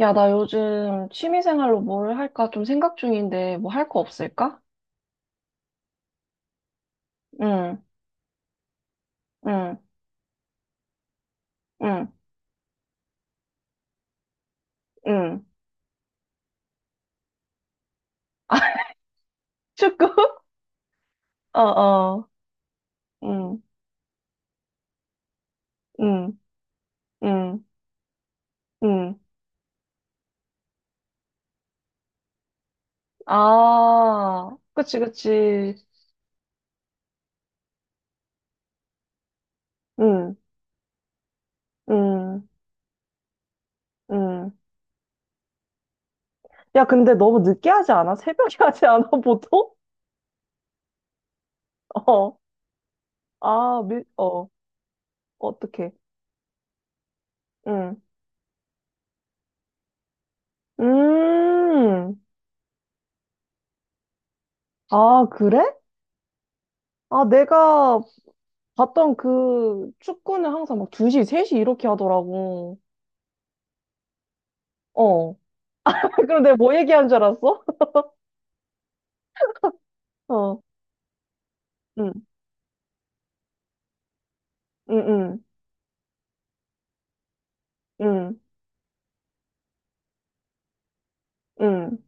야, 나 요즘 취미생활로 뭘 할까 좀 생각 중인데, 뭐 할 거 없을까? 응, 응, 응, 응. 축구? 어, 어, 응, 응, 응, 응. 아, 그치, 그치. 응, 응, 응. 야, 근데 너무 늦게 하지 않아? 새벽에 하지 않아, 보통? 어, 아, 어떡해. 응, 음, 아, 그래? 아, 내가 봤던 그 축구는 항상 막 2시, 3시 이렇게 하더라고. 어. 그럼 내가 뭐 얘기한 줄 알았어? 어. 응, 응, 응, 응, 응,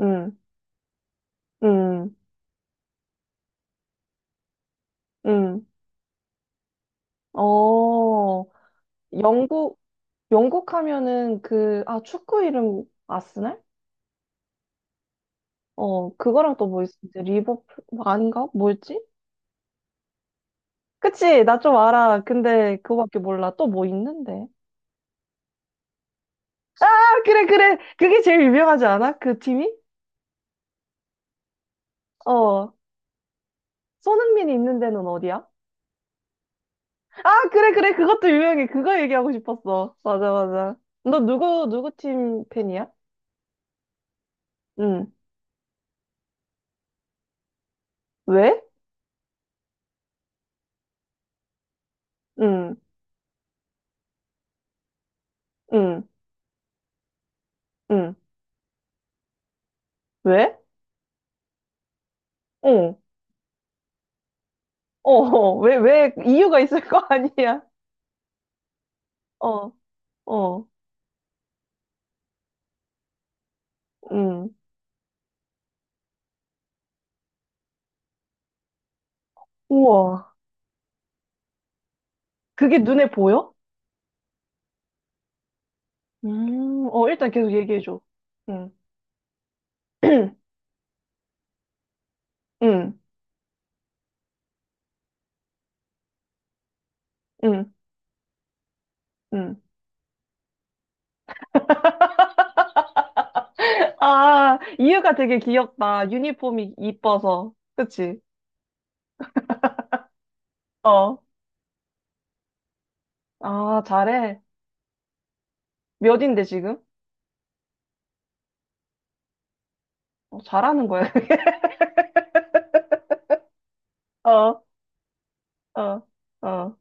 응, 응, 응. 어. 영국, 영국 하면은 그, 아, 축구 이름 아스날? 어, 그거랑 또 뭐 있었지? 리버풀, 뭐 아닌가? 뭐였지? 그치, 나 좀 알아. 근데 그거밖에 몰라. 또 뭐 있는데? 아, 그래, 그래. 그게 제일 유명하지 않아? 그 팀이? 어. 손흥민이 있는 데는 어디야? 아, 그래, 그래. 그것도 유명해. 그거 얘기하고 싶었어. 맞아, 맞아. 너 누구 팀 팬이야? 응. 왜? 응, 응, 응. 왜? 어, 어, 어. 왜, 이유가 있을 거 아니야? 어, 어, 응. 우와. 그게 눈에 보여? 어, 일단 계속 얘기해줘. 응, 응, 응, 응. 아, 이유가 되게 귀엽다. 유니폼이 이뻐서. 그치? 어. 아, 잘해. 몇인데 지금? 어, 잘하는 거야. 어, 어, 어,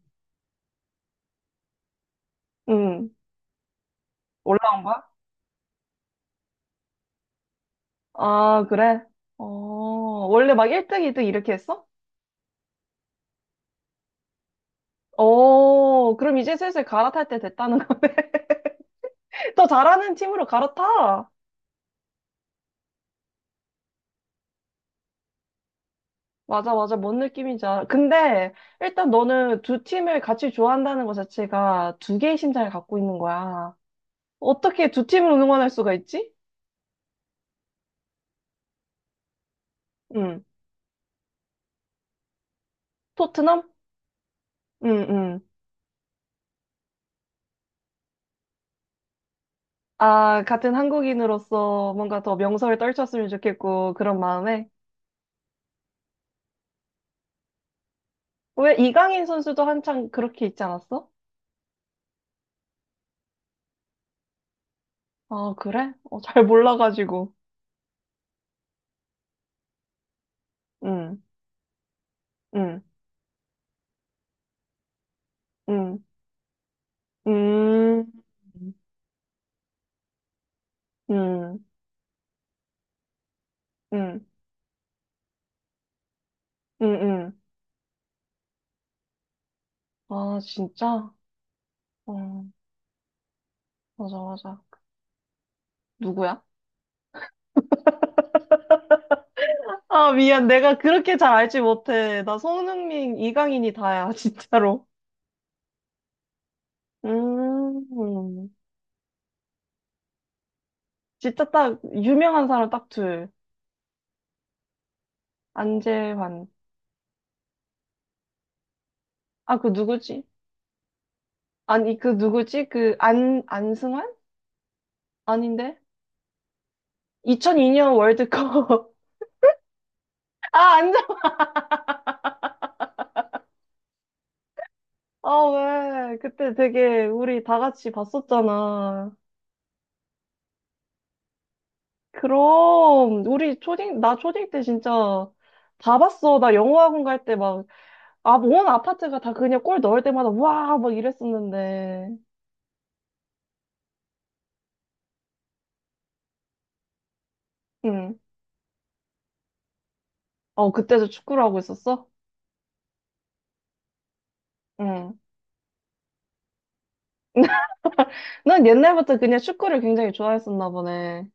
응. 올라온 거야? 아, 그래? 어, 원래 막 1등, 2등 이렇게 했어? 어, 그럼 이제 슬슬 갈아탈 때 됐다는 거. 더 잘하는 팀으로 갈아타. 맞아, 맞아. 뭔 느낌인지 알아. 근데 일단 너는 두 팀을 같이 좋아한다는 것 자체가 두 개의 심장을 갖고 있는 거야. 어떻게 두 팀을 응원할 수가 있지? 응. 토트넘? 응, 응. 아, 같은 한국인으로서 뭔가 더 명성을 떨쳤으면 좋겠고, 그런 마음에. 왜 이강인 선수도 한창 그렇게 있지 않았어? 아, 그래? 어, 잘 몰라가지고. 응, 응, 응, 음, 응, 응, 응, 응. 아, 진짜? 어, 맞아, 맞아. 누구야? 아, 미안. 내가 그렇게 잘 알지 못해. 나 손흥민, 이강인이 다야, 진짜로. 음, 진짜 딱, 유명한 사람 딱 둘. 안재환. 아, 그 누구지? 아니, 그 누구지? 그 안, 안승환? 아닌데? 2002년 월드컵. 아, 안전 아, 왜? 그때 되게 우리 다 같이 봤었잖아. 그럼, 우리 초딩, 나 초딩 때 진짜 다 봤어. 나 영어학원 갈 때 막, 아, 온 아파트가 다 그냥 골 넣을 때마다 와! 막 이랬었는데. 응. 어, 그때도 축구를 하고 있었어? 응. 난 옛날부터 그냥 축구를 굉장히 좋아했었나 보네.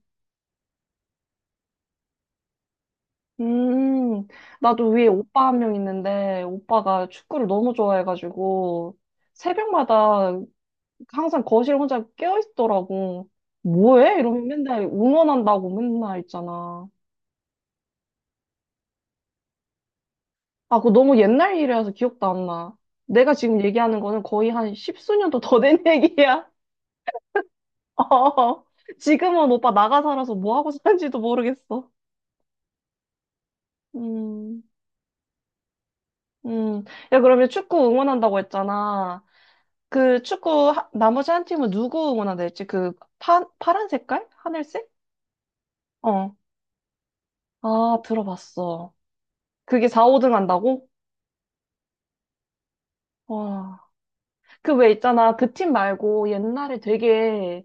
음, 나도 위에 오빠 한 명 있는데, 오빠가 축구를 너무 좋아해가지고, 새벽마다 항상 거실 혼자 깨어있더라고. 뭐해? 이러면 맨날 응원한다고 맨날 있잖아. 아, 그거 너무 옛날 일이라서 기억도 안 나. 내가 지금 얘기하는 거는 거의 한 십수년도 더 된 얘기야. 어, 지금은 오빠 나가 살아서 뭐 하고 사는지도 모르겠어. 음, 음. 야, 그러면 축구 응원한다고 했잖아. 그 나머지 한 팀은 누구 응원한다랬지? 그 파란 색깔? 하늘색? 어. 아, 들어봤어. 그게 4, 5등 한다고? 와. 그 왜 있잖아. 그 팀 말고 옛날에 되게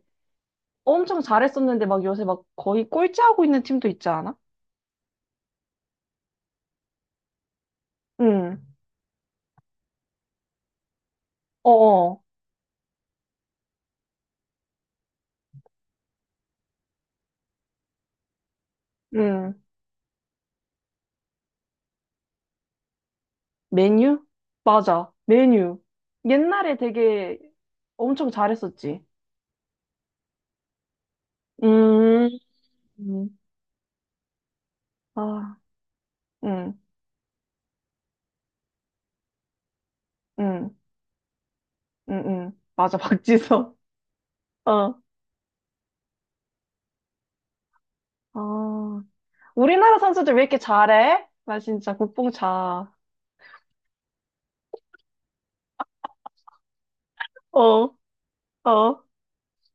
엄청 잘했었는데 막 요새 막 거의 꼴찌하고 있는 팀도 있지 않아? 응. 어어. 응. 메뉴? 맞아. 메뉴. 옛날에 되게 엄청 잘했었지. 음. 음. 아. 응. 응. 응. 응. 맞아. 박지성. 어. 아, 우리나라 선수들 왜 이렇게 잘해? 나 진짜 국뽕차. 어, 어,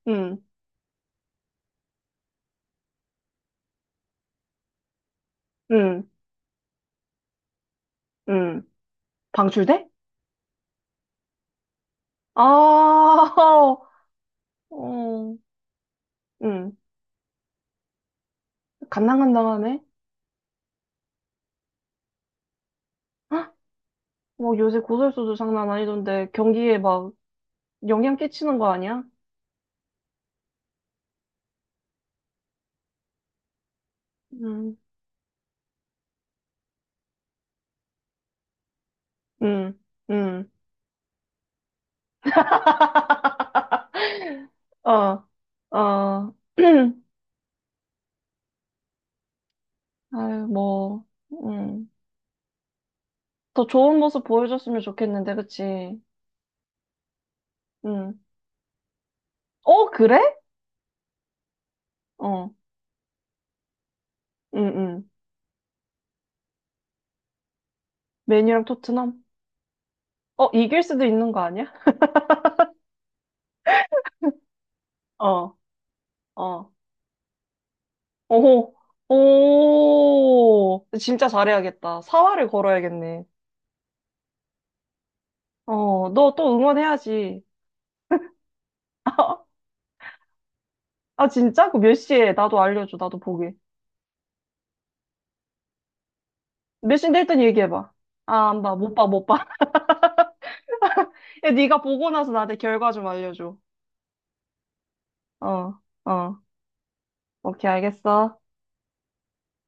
응, 응, 응. 방출대? 아, 어, 응. 간당간당하네. 헉, 뭐 요새 고설수도 장난 아니던데 경기에 막 영향 끼치는 거 아니야? 응, 응, 응. 어, 어. 아유, 뭐, 응. 더 좋은 모습 보여줬으면 좋겠는데, 그치? 응. 어, 그래? 어, 응, 응. 메뉴랑 토트넘? 어, 이길 수도 있는 거 아니야? 어, 어. 오호, 오. 진짜 잘해야겠다. 사활을 걸어야겠네. 어, 너 또 응원해야지. 아, 진짜? 그 몇 시에? 나도 알려줘. 나도 보게. 몇 시인데 일단 얘기해봐. 아, 안 봐. 못 봐, 못 봐. 야, 네가 보고 나서 나한테 결과 좀 알려줘. 어, 어. 오케이, 알겠어.